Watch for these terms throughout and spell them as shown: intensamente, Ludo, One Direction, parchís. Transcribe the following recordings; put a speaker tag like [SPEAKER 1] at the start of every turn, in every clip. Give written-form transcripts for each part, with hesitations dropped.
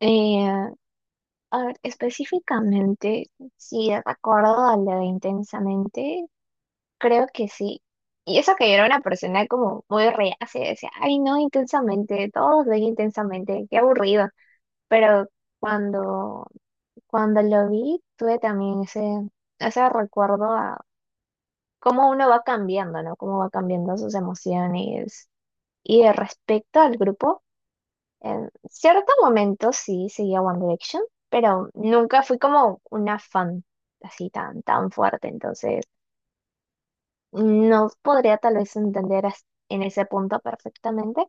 [SPEAKER 1] Eh, a ver, específicamente, si recuerdo a lo de intensamente, creo que sí. Y eso que yo era una persona como muy reacia, decía, ay no, intensamente, todos ven intensamente, qué aburrido. Pero cuando, cuando lo vi, tuve también ese recuerdo a cómo uno va cambiando, ¿no? Cómo va cambiando sus emociones. Y de respecto al grupo. En cierto momento sí seguía One Direction, pero nunca fui como una fan así tan, tan fuerte, entonces no podría tal vez entender en ese punto perfectamente,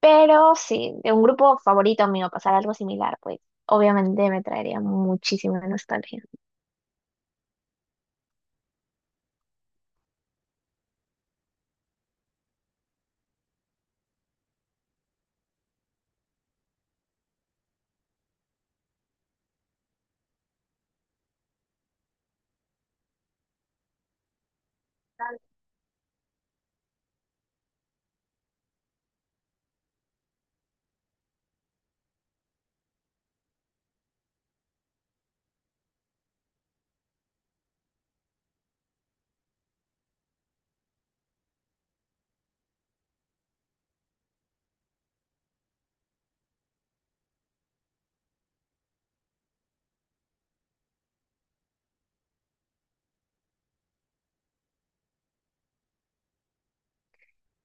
[SPEAKER 1] pero sí, de un grupo favorito mío pasar algo similar, pues obviamente me traería muchísima nostalgia.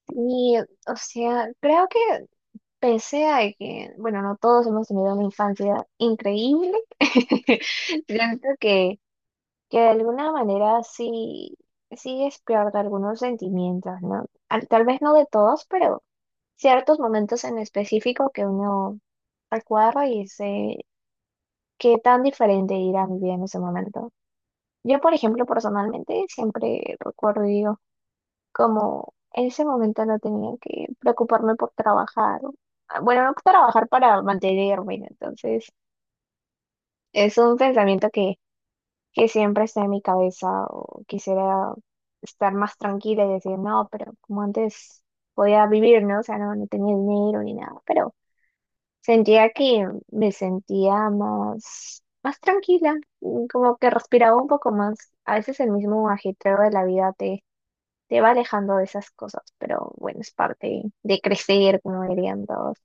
[SPEAKER 1] Y, o sea, creo que pese a que, bueno, no todos hemos tenido una infancia increíble, siento que de alguna manera sí, sí despierta algunos sentimientos, ¿no? Tal vez no de todos, pero ciertos momentos en específico que uno recuerda y dice qué tan diferente era mi vida en ese momento. Yo, por ejemplo, personalmente siempre recuerdo y digo, como en ese momento no tenía que preocuparme por trabajar. Ah, bueno, no trabajar para mantenerme, ¿no? Entonces es un pensamiento que siempre está en mi cabeza o quisiera estar más tranquila y decir, no, pero como antes podía vivir, ¿no? O sea, no, no tenía dinero ni nada, pero sentía que me sentía más, más tranquila, como que respiraba un poco más. A veces el mismo ajetreo de la vida, te va alejando de esas cosas, pero bueno, es parte de crecer, como dirían todos.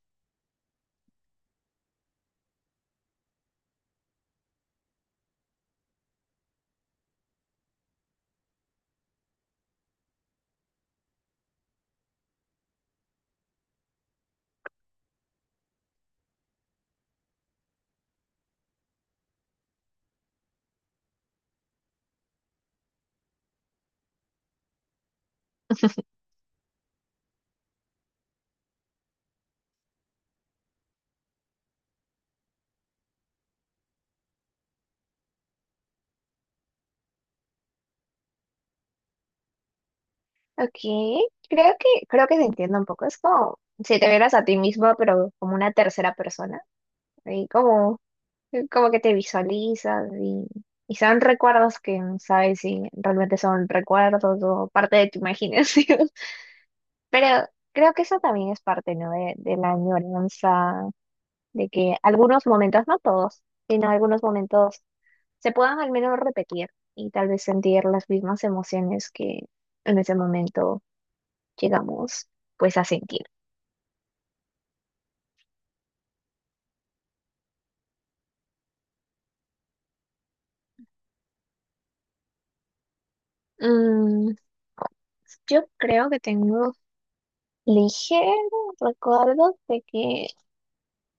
[SPEAKER 1] Ok, creo creo que se entiende un poco. Es como si te vieras a ti mismo, pero como una tercera persona. Y como. Como que te visualizas y son recuerdos que no sabes si realmente son recuerdos o parte de tu imaginación. Pero creo que eso también es parte, ¿no? De la añoranza, de que algunos momentos, no todos, sino algunos momentos se puedan al menos repetir y tal vez sentir las mismas emociones que en ese momento llegamos pues a sentir. Mm, yo creo que tengo ligeros recuerdos de que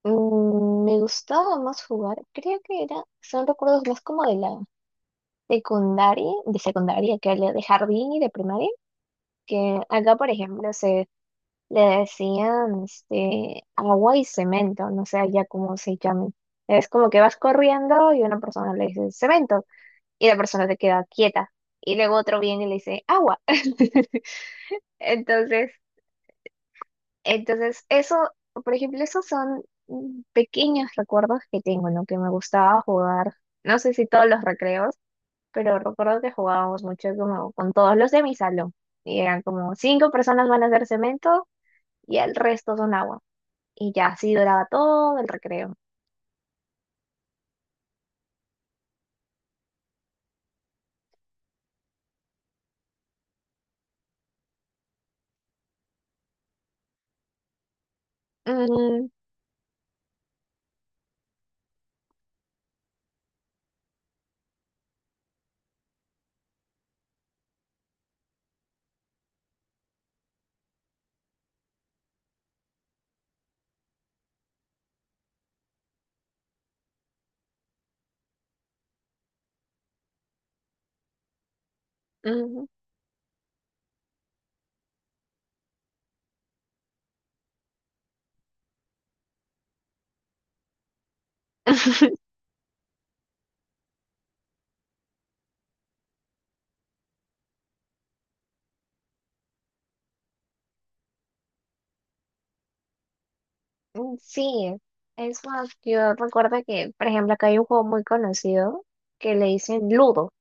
[SPEAKER 1] Me gustaba más jugar, creo que era, son recuerdos más como de la secundaria, de secundaria, que había de jardín y de primaria, que acá, por ejemplo, se le decían agua y cemento, no sé ya cómo se llamen. Es como que vas corriendo y una persona le dice cemento y la persona te queda quieta y luego otro viene y le dice agua. Entonces, Entonces, eso, por ejemplo, esos son pequeños recuerdos que tengo, ¿no? Que me gustaba jugar, no sé si todos los recreos, pero recuerdo que jugábamos mucho como con todos los de mi salón. Y eran como cinco personas van a hacer cemento y el resto son agua. Y ya así duraba todo el recreo. Mm. Mm. Sí, es más, yo recuerdo que, por ejemplo, acá hay un juego muy conocido que le dicen ludo,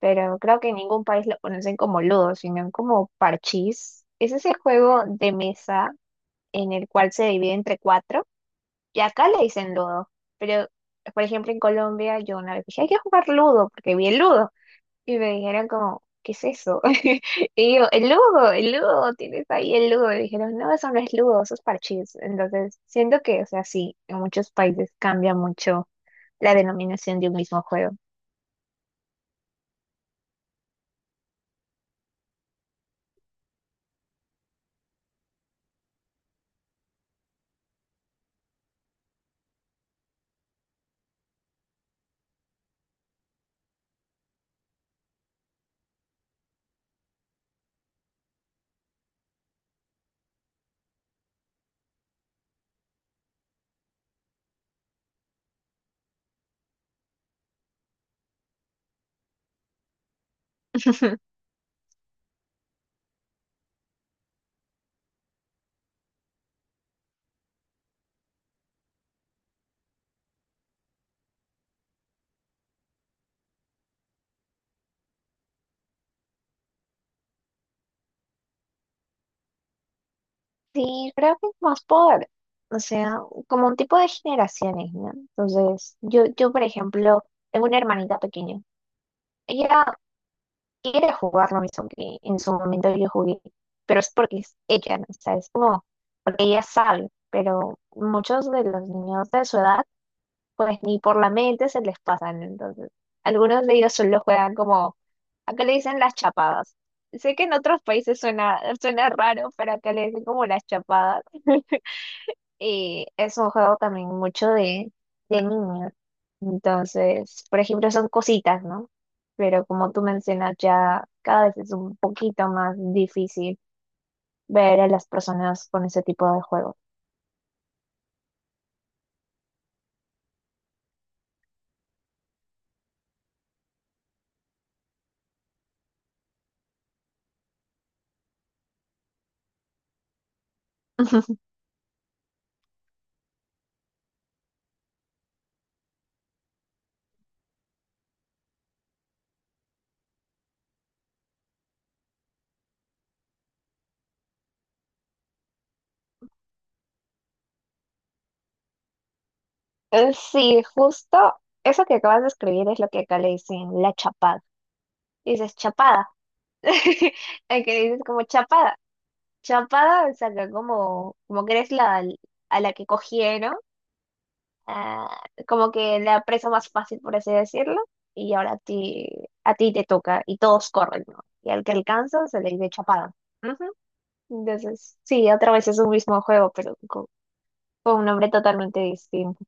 [SPEAKER 1] pero creo que en ningún país lo conocen como ludo, sino como parchís. Es ese juego de mesa en el cual se divide entre cuatro, y acá le dicen ludo, pero por ejemplo en Colombia yo una vez dije, hay que jugar ludo, porque vi el ludo, y me dijeron como, ¿qué es eso? Y yo, el ludo, tienes ahí el ludo, y dijeron, no, eso no es ludo, eso es parchís. Entonces, siento que, o sea, sí, en muchos países cambia mucho la denominación de un mismo juego. Sí, creo que es más por, o sea, como un tipo de generaciones, ¿no? Entonces, yo, por ejemplo, tengo una hermanita pequeña. Ella quiere jugar lo mismo que en su momento yo jugué, pero es porque es ella, ¿no? O sea, es como, porque ella sabe, pero muchos de los niños de su edad, pues ni por la mente se les pasan. Entonces, algunos de ellos solo juegan como, acá le dicen las chapadas. Sé que en otros países suena, suena raro, pero acá le dicen como las chapadas. Y es un juego también mucho de niños. Entonces, por ejemplo, son cositas, ¿no? Pero como tú mencionas, ya cada vez es un poquito más difícil ver a las personas con ese tipo de juegos. Sí, justo eso que acabas de escribir es lo que acá le dicen la chapada. Dices chapada. El que dices como chapada. Chapada, o sea, que como, como que eres la, a la que cogieron ah, como que la presa más fácil, por así decirlo, y ahora a ti te toca y todos corren, ¿no? Y al que alcanza se le dice chapada. Ujú. Entonces, sí, otra vez es un mismo juego, pero con un nombre totalmente distinto.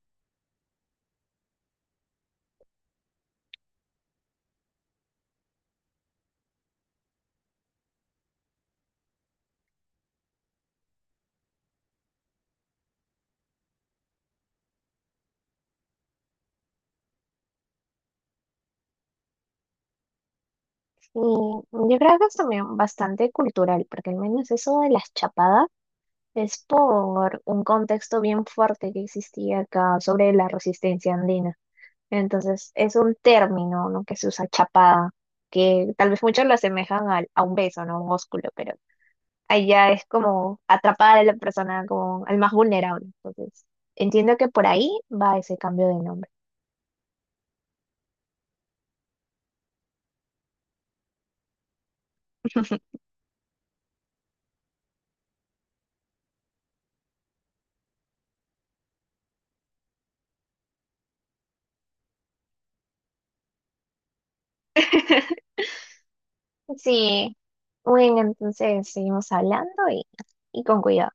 [SPEAKER 1] Y yo creo que es también bastante cultural, porque al menos eso de las chapadas es por un contexto bien fuerte que existía acá sobre la resistencia andina. Entonces, es un término, ¿no? Que se usa chapada, que tal vez muchos lo asemejan a un beso, ¿no? Un ósculo, pero allá es como atrapada de la persona, como al más vulnerable. Entonces, entiendo que por ahí va ese cambio de nombre. Sí, bueno, entonces seguimos hablando y con cuidado.